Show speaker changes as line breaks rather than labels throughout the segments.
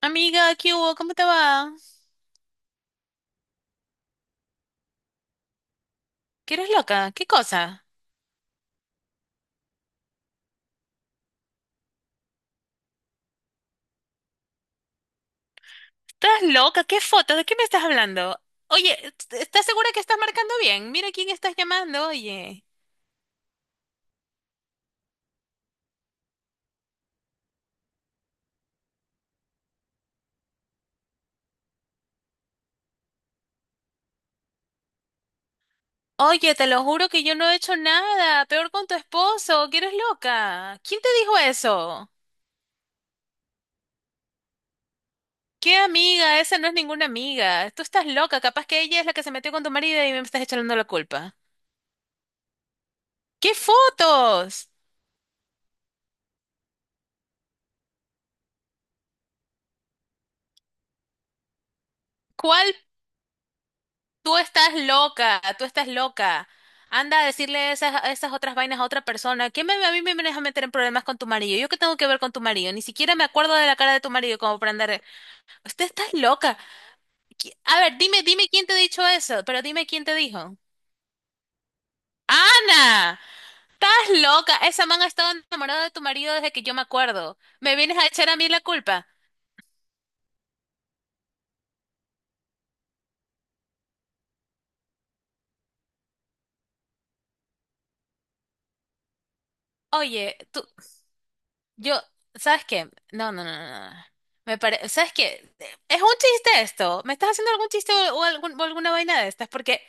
Amiga, ¿qué hubo? ¿Cómo te va? ¿Qué eres loca? ¿Qué cosa? ¿Estás loca? ¿Qué foto? ¿De qué me estás hablando? Oye, ¿estás segura que estás marcando bien? Mira quién estás llamando, oye. Oye, te lo juro que yo no he hecho nada. Peor con tu esposo. ¿Qué eres loca? ¿Quién te dijo eso? ¿Qué amiga? Esa no es ninguna amiga. Tú estás loca. Capaz que ella es la que se metió con tu marido y me estás echando la culpa. ¿Qué fotos? ¿Cuál? Tú estás loca, tú estás loca. Anda a decirle esas otras vainas a otra persona. ¿A mí me vienes a meter en problemas con tu marido? ¿Yo qué tengo que ver con tu marido? Ni siquiera me acuerdo de la cara de tu marido como para andar. Usted está loca. A ver, dime, dime quién te ha dicho eso, pero dime quién te dijo. ¡Ana! ¡Estás loca! Esa man ha estado enamorada de tu marido desde que yo me acuerdo. ¿Me vienes a echar a mí la culpa? Oye, tú, yo, ¿sabes qué? No, no, no, no, no. Me parece, ¿sabes qué? Es un chiste esto. ¿Me estás haciendo algún chiste o, o alguna vaina de estas? Porque,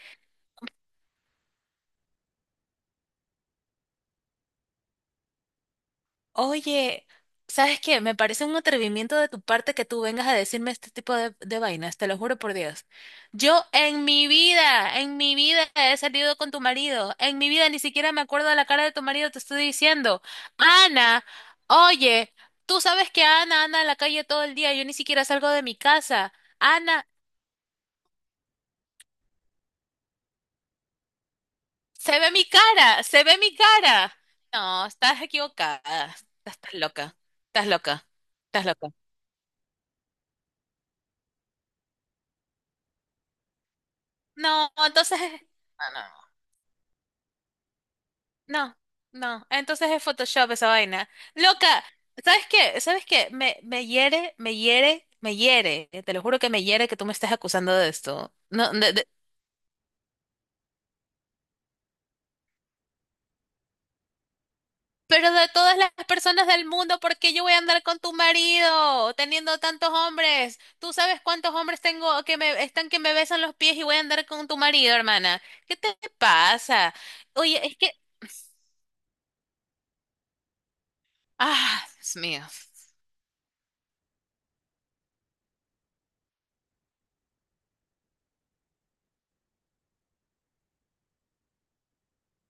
oye, ¿sabes qué? Me parece un atrevimiento de tu parte que tú vengas a decirme este tipo de vainas, te lo juro por Dios. Yo en mi vida he salido con tu marido. En mi vida ni siquiera me acuerdo de la cara de tu marido, te estoy diciendo. Ana, oye, tú sabes que Ana anda en la calle todo el día, yo ni siquiera salgo de mi casa. Ana. Se ve mi cara, se ve mi cara. No, estás equivocada. Estás loca, estás loca, estás loca. No, entonces... No, no, no. No, no. Entonces es Photoshop esa vaina. Loca, ¿sabes qué? ¿Sabes qué? Me hiere, me hiere, me hiere. Te lo juro que me hiere que tú me estés acusando de esto. No, no. Pero de todas las personas del mundo, ¿por qué yo voy a andar con tu marido teniendo tantos hombres? ¿Tú sabes cuántos hombres tengo que me están que me besan los pies y voy a andar con tu marido, hermana? ¿Qué te pasa? Oye, es que, ah, Dios mío.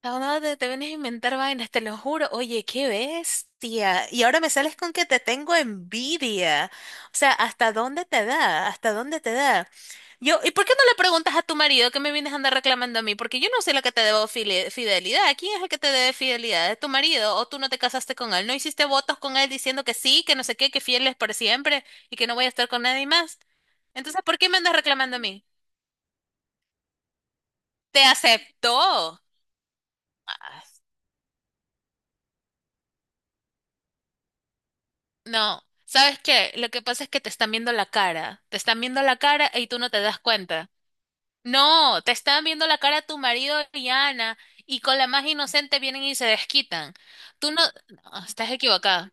No, te vienes a inventar vainas, te lo juro. Oye, qué bestia. Y ahora me sales con que te tengo envidia. O sea, ¿hasta dónde te da? ¿Hasta dónde te da? Yo, ¿y por qué no le preguntas a tu marido que me vienes a andar reclamando a mí? Porque yo no soy la que te debo fidelidad. ¿Quién es el que te debe fidelidad? ¿Es tu marido? ¿O tú no te casaste con él? ¿No hiciste votos con él diciendo que sí, que no sé qué, que fieles por siempre y que no voy a estar con nadie más? Entonces, ¿por qué me andas reclamando a mí? Te aceptó. No, ¿sabes qué? Lo que pasa es que te están viendo la cara, te están viendo la cara y tú no te das cuenta. No, te están viendo la cara tu marido y Ana, y con la más inocente vienen y se desquitan. Tú no, No, estás equivocada.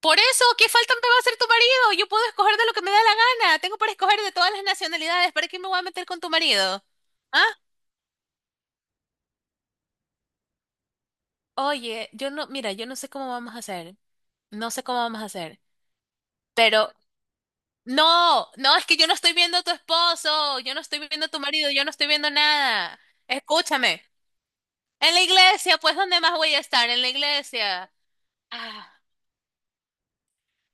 Por eso, ¿qué falta me va a hacer tu marido? Yo puedo escoger de lo que me da la gana. Tengo para escoger de todas las nacionalidades. ¿Para qué me voy a meter con tu marido? ¿Ah? Oye, yo no, mira, yo no sé cómo vamos a hacer. No sé cómo vamos a hacer. Pero no, no, es que yo no estoy viendo a tu esposo, yo no estoy viendo a tu marido, yo no estoy viendo nada. Escúchame. En la iglesia, pues, ¿dónde más voy a estar? En la iglesia. Ah,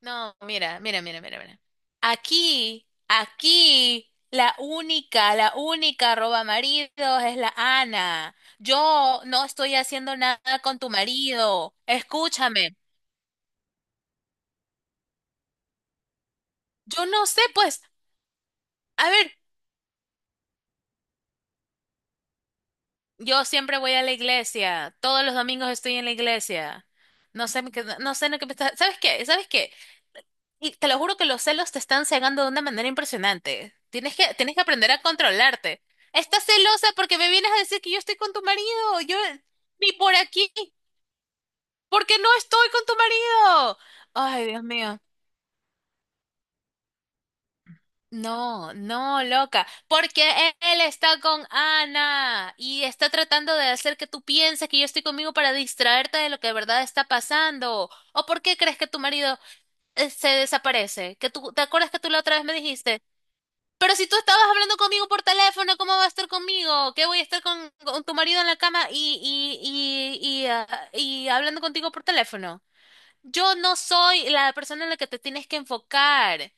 no, mira, mira, mira, mira, mira. Aquí, aquí, la única roba maridos es la Ana. Yo no estoy haciendo nada con tu marido. Escúchame. Yo no sé, pues, a ver. Yo siempre voy a la iglesia, todos los domingos estoy en la iglesia. No sé, no sé lo que me está... ¿Sabes qué? ¿Sabes qué? Y te lo juro que los celos te están cegando de una manera impresionante. Tienes que aprender a controlarte. Estás celosa porque me vienes a decir que yo estoy con tu marido. Yo ni por aquí, porque no estoy con tu marido. Ay, Dios mío. No, no, loca, porque él está con Ana y está tratando de hacer que tú pienses que yo estoy conmigo para distraerte de lo que de verdad está pasando. ¿O por qué crees que tu marido se desaparece? Que tú, ¿te acuerdas que tú la otra vez me dijiste? Pero si tú estabas hablando conmigo por teléfono, ¿cómo va a estar conmigo? ¿Qué voy a estar con tu marido en la cama y hablando contigo por teléfono? Yo no soy la persona en la que te tienes que enfocar.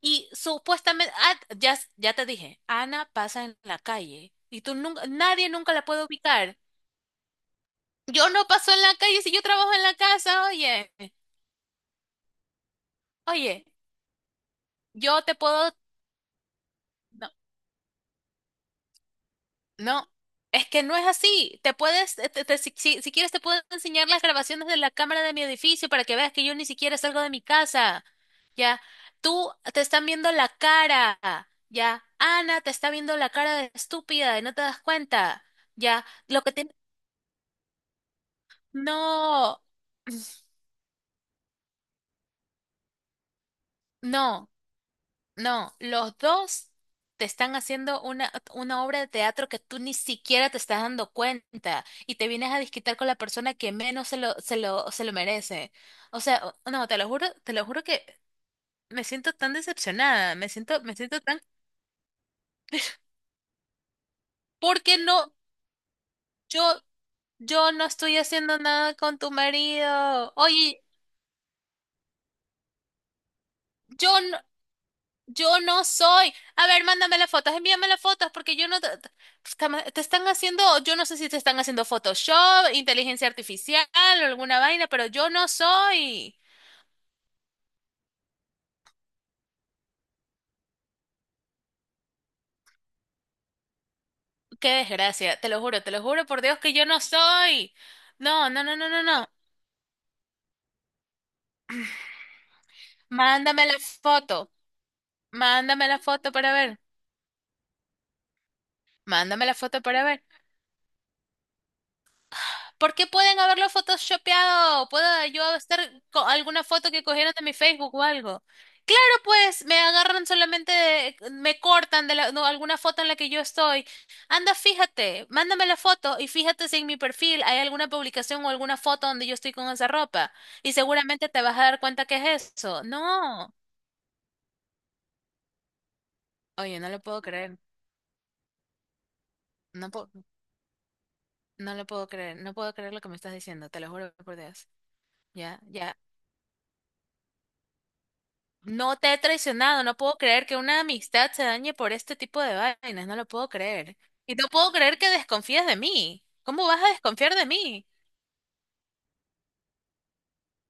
Y supuestamente, ya te dije, Ana pasa en la calle y tú nunca, nadie nunca la puede ubicar. Yo no paso en la calle si yo trabajo en la casa, oye, oye, yo te puedo, no, no, es que no es así. Te puedes, si, si quieres te puedo enseñar las grabaciones de la cámara de mi edificio para que veas que yo ni siquiera salgo de mi casa. Ya, tú te están viendo la cara, ya, Ana te está viendo la cara de estúpida y no te das cuenta. Ya, lo que no, no, no. Los dos te están haciendo una obra de teatro que tú ni siquiera te estás dando cuenta y te vienes a disquitar con la persona que menos se lo, se lo, se lo merece. O sea, no, te lo juro que me siento tan decepcionada, me siento tan... Porque no, yo, yo no estoy haciendo nada con tu marido. Oye, yo no, yo no soy. A ver, mándame las fotos, envíame las fotos, porque yo no... Te, pues, te están haciendo, yo no sé si te están haciendo Photoshop, inteligencia artificial o alguna vaina, pero yo no soy. Qué desgracia, te lo juro por Dios que yo no soy. No, no, no, no, no, no. Mándame la foto, mándame la foto para ver, mándame la foto para ver. ¿Por qué pueden haberlo photoshopeado? ¿Puedo yo estar con alguna foto que cogieron de mi Facebook o algo? Claro, pues me agarran solamente, me cortan no, alguna foto en la que yo estoy. Anda, fíjate, mándame la foto y fíjate si en mi perfil hay alguna publicación o alguna foto donde yo estoy con esa ropa. Y seguramente te vas a dar cuenta que es eso. No. Oye, no lo puedo creer. No, no lo puedo creer. No puedo creer lo que me estás diciendo. Te lo juro por Dios. Ya, ya. No te he traicionado, no puedo creer que una amistad se dañe por este tipo de vainas, no lo puedo creer. Y no puedo creer que desconfíes de mí. ¿Cómo vas a desconfiar de mí?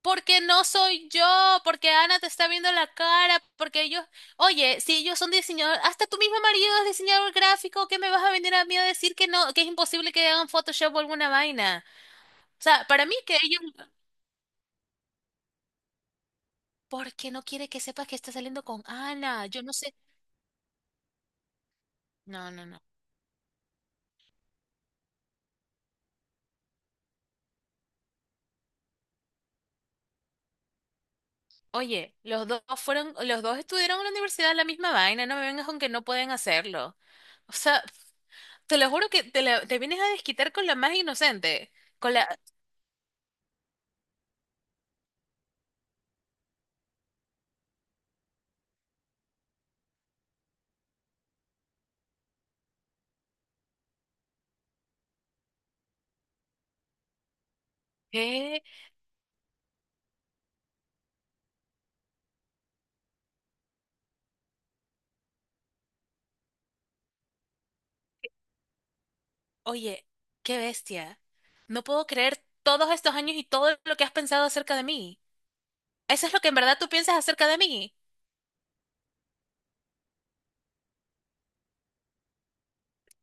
Porque no soy yo, porque Ana te está viendo la cara, porque ellos, oye, si ellos son diseñadores, hasta tu mismo marido es diseñador gráfico, ¿qué me vas a venir a mí a decir que no, que es imposible que hagan Photoshop o alguna vaina? O sea, para mí que ellos, ¿por qué no quiere que sepas que está saliendo con Ana? Yo no sé. No, no, no. Oye, los dos fueron, los dos estudiaron en la universidad la misma vaina, no me vengas con que no pueden hacerlo. O sea, te lo juro que te, te vienes a desquitar con la más inocente, con la... ¿Qué? Oye, qué bestia. No puedo creer todos estos años y todo lo que has pensado acerca de mí. ¿Eso es lo que en verdad tú piensas acerca de mí?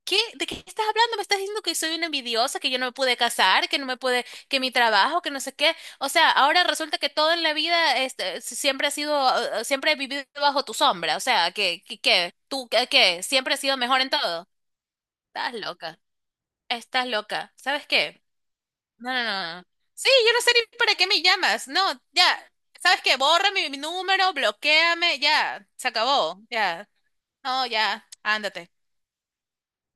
¿Qué? ¿De qué estás hablando? Me estás diciendo que soy una envidiosa, que yo no me pude casar, que no me pude, que mi trabajo, que no sé qué. O sea, ahora resulta que todo en la vida este, siempre ha sido, siempre he vivido bajo tu sombra. O sea, que tú, que siempre has sido mejor en todo. Estás loca, estás loca. ¿Sabes qué? No, no, no, no. Sí, yo no sé ni para qué me llamas. No, ya. ¿Sabes qué? Borra mi número, bloquéame, ya. Se acabó, ya. No, ya. Ándate.